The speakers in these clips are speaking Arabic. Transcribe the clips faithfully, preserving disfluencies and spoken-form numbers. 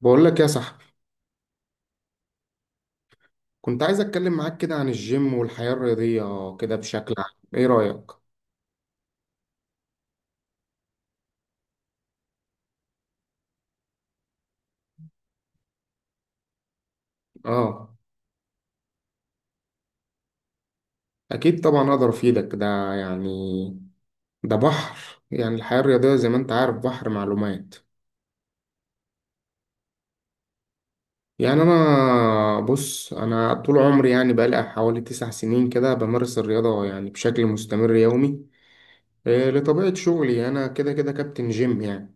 بقول لك يا صاحبي، كنت عايز اتكلم معاك كده عن الجيم والحياة الرياضية، كده بشكل عام، ايه رأيك؟ اه، اكيد طبعا اقدر افيدك، ده يعني ده بحر يعني، الحياة الرياضية زي ما انت عارف بحر معلومات. يعني انا، بص، انا طول عمري يعني بقالي حوالي تسع سنين كده بمارس الرياضة يعني بشكل مستمر يومي. إيه، لطبيعة شغلي انا كده كده كابتن جيم يعني.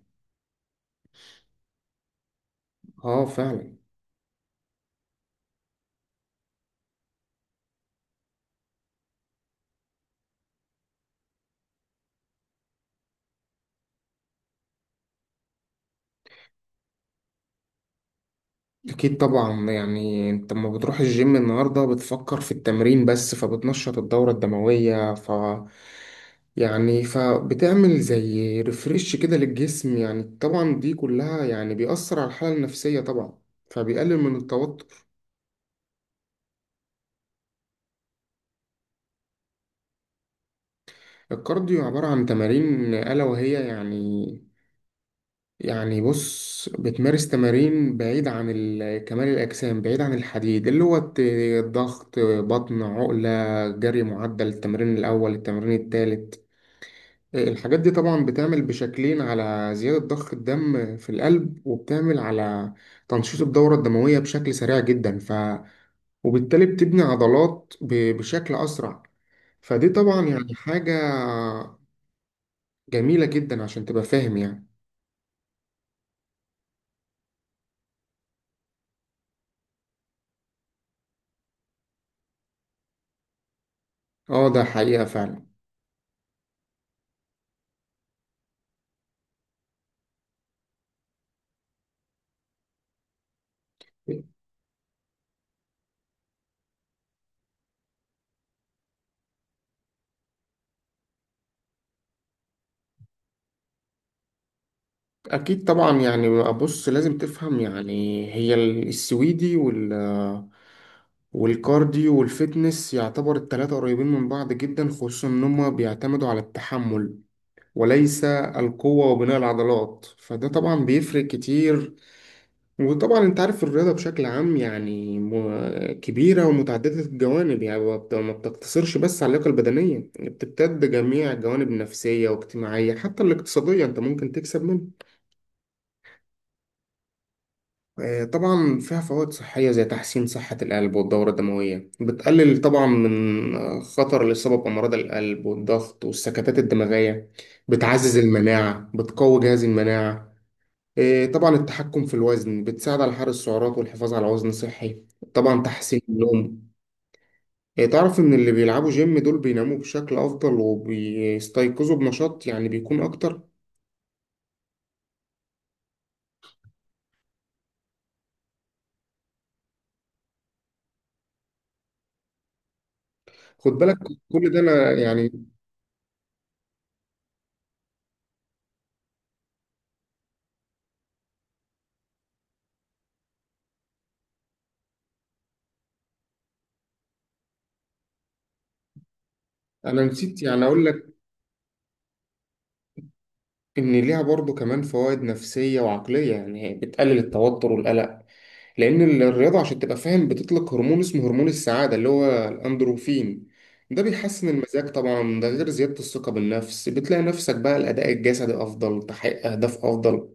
اه، فعلا. أكيد طبعا، يعني أنت لما بتروح الجيم النهاردة بتفكر في التمرين بس، فبتنشط الدورة الدموية، ف يعني فبتعمل زي ريفريش كده للجسم يعني، طبعا دي كلها يعني بيأثر على الحالة النفسية، طبعا فبيقلل من التوتر. الكارديو عبارة عن تمارين ألا وهي يعني يعني بص بتمارس تمارين بعيد عن ال- كمال الأجسام، بعيد عن الحديد اللي هو الت- الضغط، بطن، عقلة، جري، معدل، التمرين الأول، التمرين التالت. آه، الحاجات دي طبعا بتعمل بشكلين على زيادة ضخ الدم في القلب، وبتعمل على تنشيط الدورة الدموية بشكل سريع جدا، ف وبالتالي بتبني عضلات ب- بشكل أسرع، فدي طبعا مم. يعني حاجة جميلة جدا عشان تبقى فاهم يعني. اه، ده حقيقة فعلا. أكيد طبعا، يعني بص، لازم تفهم، يعني هي ال- السويدي وال والكارديو والفيتنس، يعتبر التلاتة قريبين من بعض جدا، خصوصا إن هما بيعتمدوا على التحمل وليس القوة وبناء العضلات، فده طبعا بيفرق كتير. وطبعا انت عارف الرياضة بشكل عام، يعني م- كبيرة ومتعددة الجوانب، يعني ما بت- ما بتقتصرش بس على اللياقة البدنية، بتمتد جميع الجوانب النفسية واجتماعية حتى الاقتصادية، انت ممكن تكسب منها. آه، طبعا فيها فوائد صحية زي تحسين صحة القلب والدورة الدموية، بتقلل طبعا من آه، خطر الإصابة بأمراض القلب والضغط والسكتات الدماغية، بتعزز المناعة، بتقوي جهاز المناعة. آه، طبعا التحكم في الوزن، بتساعد على حرق السعرات والحفاظ على وزن صحي، طبعا تحسين النوم، آه، تعرف إن اللي بيلعبوا جيم دول بيناموا بشكل أفضل وبيستيقظوا بنشاط، يعني بيكون أكتر. خد بالك، كل ده أنا يعني، أنا نسيت يعني أقول لك إن ليها برضو كمان فوائد نفسية وعقلية، يعني هي بتقلل التوتر والقلق، لأن ال- الرياضة عشان تبقى فاهم بتطلق هرمون اسمه هرمون السعادة اللي هو الأندروفين، ده بيحسن المزاج، طبعا ده غير زيادة الثقة بالنفس، بتلاقي نفسك بقى الأداء الجسدي أفضل، تحقيق أهداف أفضل،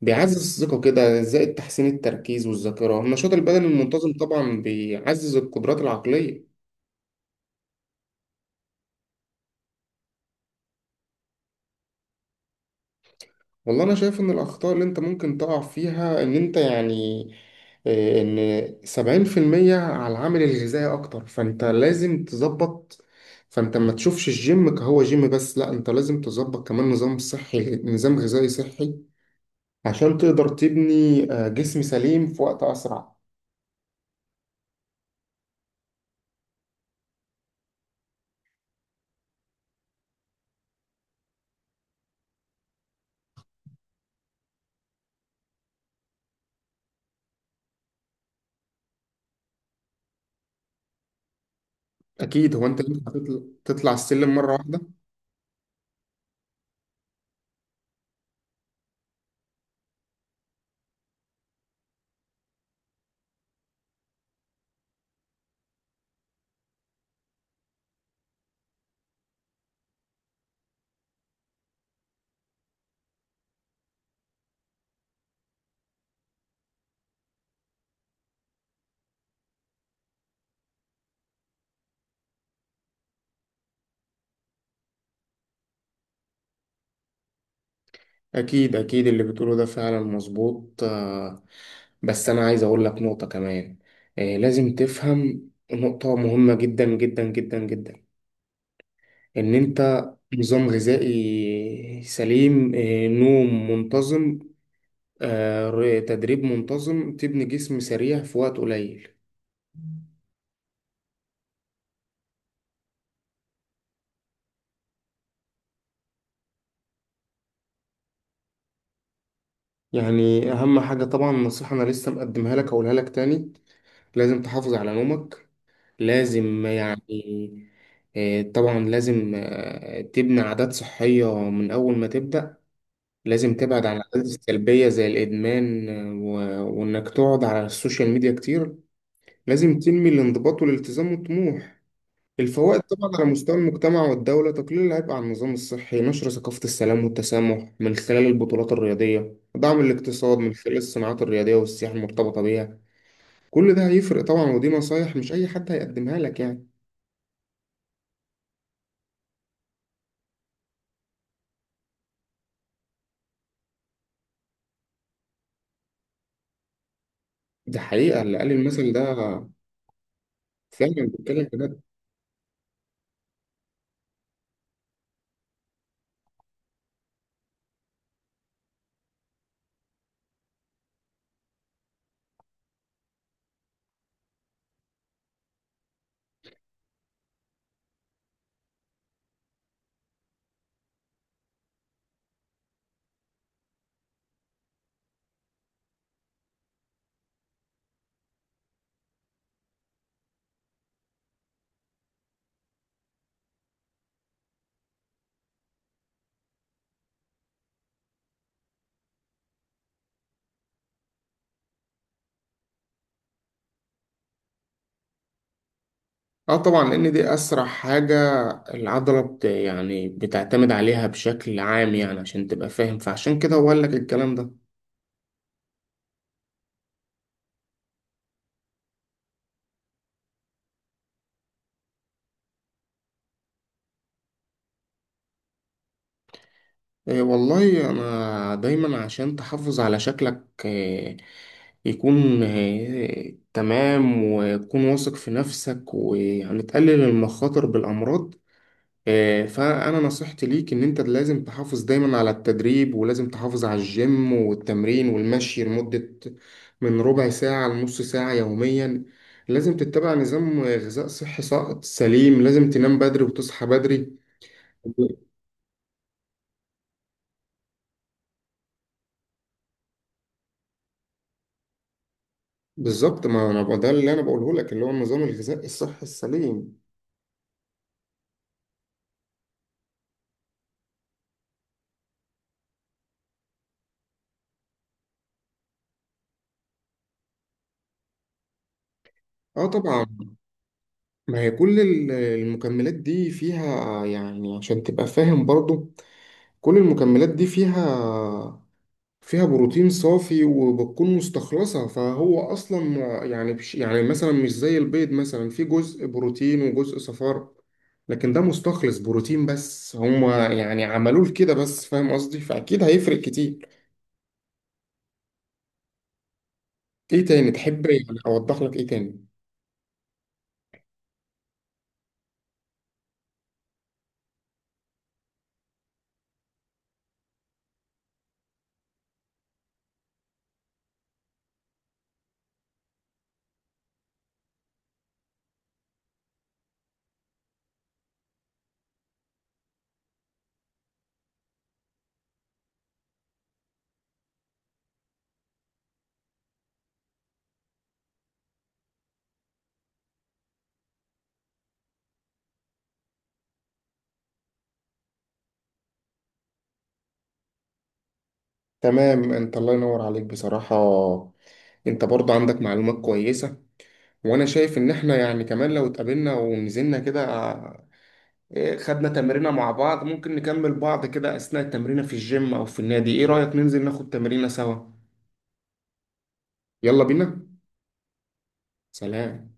بيعزز الثقة كده زائد تحسين التركيز والذاكرة، النشاط البدني المنتظم طبعا بيعزز القدرات العقلية. والله انا شايف ان الاخطاء اللي انت ممكن تقع فيها ان انت يعني، آه، ان سبعين في المية على العامل الغذائي اكتر، فانت لازم تظبط. فانت ما تشوفش الجيم كهو جيم بس، لا انت لازم تظبط كمان نظام صحي، نظام غذائي صحي، عشان تقدر تبني آه، جسم سليم في وقت اسرع. اكيد، هو انت ينفع تطل- تطلع السلم مرة واحدة؟ أكيد أكيد اللي بتقوله ده فعلا مظبوط، آه، بس أنا عايز أقول لك نقطة كمان. آه، لازم تفهم نقطة مهمة جدا جدا جدا جدا، إن أنت نظام غذائي سليم، آه، نوم منتظم، آه، ر- تدريب منتظم، تبني جسم سريع في وقت قليل. يعني أهم حاجة طبعا، نصيحة أنا لسه مقدمها لك، أقولها لك تاني، لازم تحافظ على نومك، لازم يعني، آه، طبعا لازم آه، تبني عادات صحية من أول ما تبدأ. لازم تبعد عن العادات السلبية زي الإدمان، آه، و- وإنك تقعد على السوشيال ميديا كتير. لازم تنمي الانضباط والالتزام والطموح. الفوائد طبعا على مستوى المجتمع والدولة، تقليل العبء على النظام الصحي، نشر ثقافة السلام والتسامح من خلال البطولات الرياضية، دعم الاقتصاد من خلال الصناعات الرياضية والسياحة المرتبطة بيها. كل ده هيفرق طبعا، ودي نصايح مش أي حد هيقدمها لك يعني. دي حقيقة اللي قال المثل ده. فعلا بيتكلم بجد. اه طبعا، لان دي اسرع حاجة، العضلة بت يعني بتعتمد عليها بشكل عام، يعني عشان تبقى فاهم، فعشان كده هو قال لك الكلام ده. إيه، والله انا دايما عشان تحافظ على شكلك، إيه يكون، إيه تمام وتكون واثق في نفسك، ويعني تقلل المخاطر بالامراض. آه، فأنا نصيحتي ليك إن أنت لازم تحافظ دايما على التدريب، ولازم تحافظ على الجيم والتمرين والمشي لمدة من ربع ساعة لنص ساعة يوميا، لازم تتبع نظام غذاء صحي، ص- سليم، لازم تنام بدري وتصحى بدري. بالظبط، ما أنا بقى ده اللي أنا بقوله لك، اللي هو النظام الغذائي الصحي السليم. آه طبعا، ما هي كل ال- المكملات دي فيها يعني، عشان تبقى فاهم برضو، كل المكملات دي فيها، فيها بروتين صافي وبتكون مستخلصة، فهو أصلا يعني بش يعني مثلا مش زي البيض، مثلا في جزء بروتين وجزء صفار، لكن ده مستخلص بروتين بس، هما يعني عملوه كده بس، فاهم قصدي؟ فأكيد هيفرق كتير. إيه تاني تحب يعني أوضح لك، إيه تاني؟ تمام، أنت الله ينور عليك بصراحة، أنت برضه عندك معلومات كويسة، وأنا شايف إن إحنا يعني كمان لو اتقابلنا ونزلنا كده، إيه، خدنا تمرينة مع بعض، ممكن نكمل بعض كده أثناء التمرينة في الجيم أو في النادي، إيه رأيك ننزل ناخد تمرينة سوا؟ يلا بينا، سلام.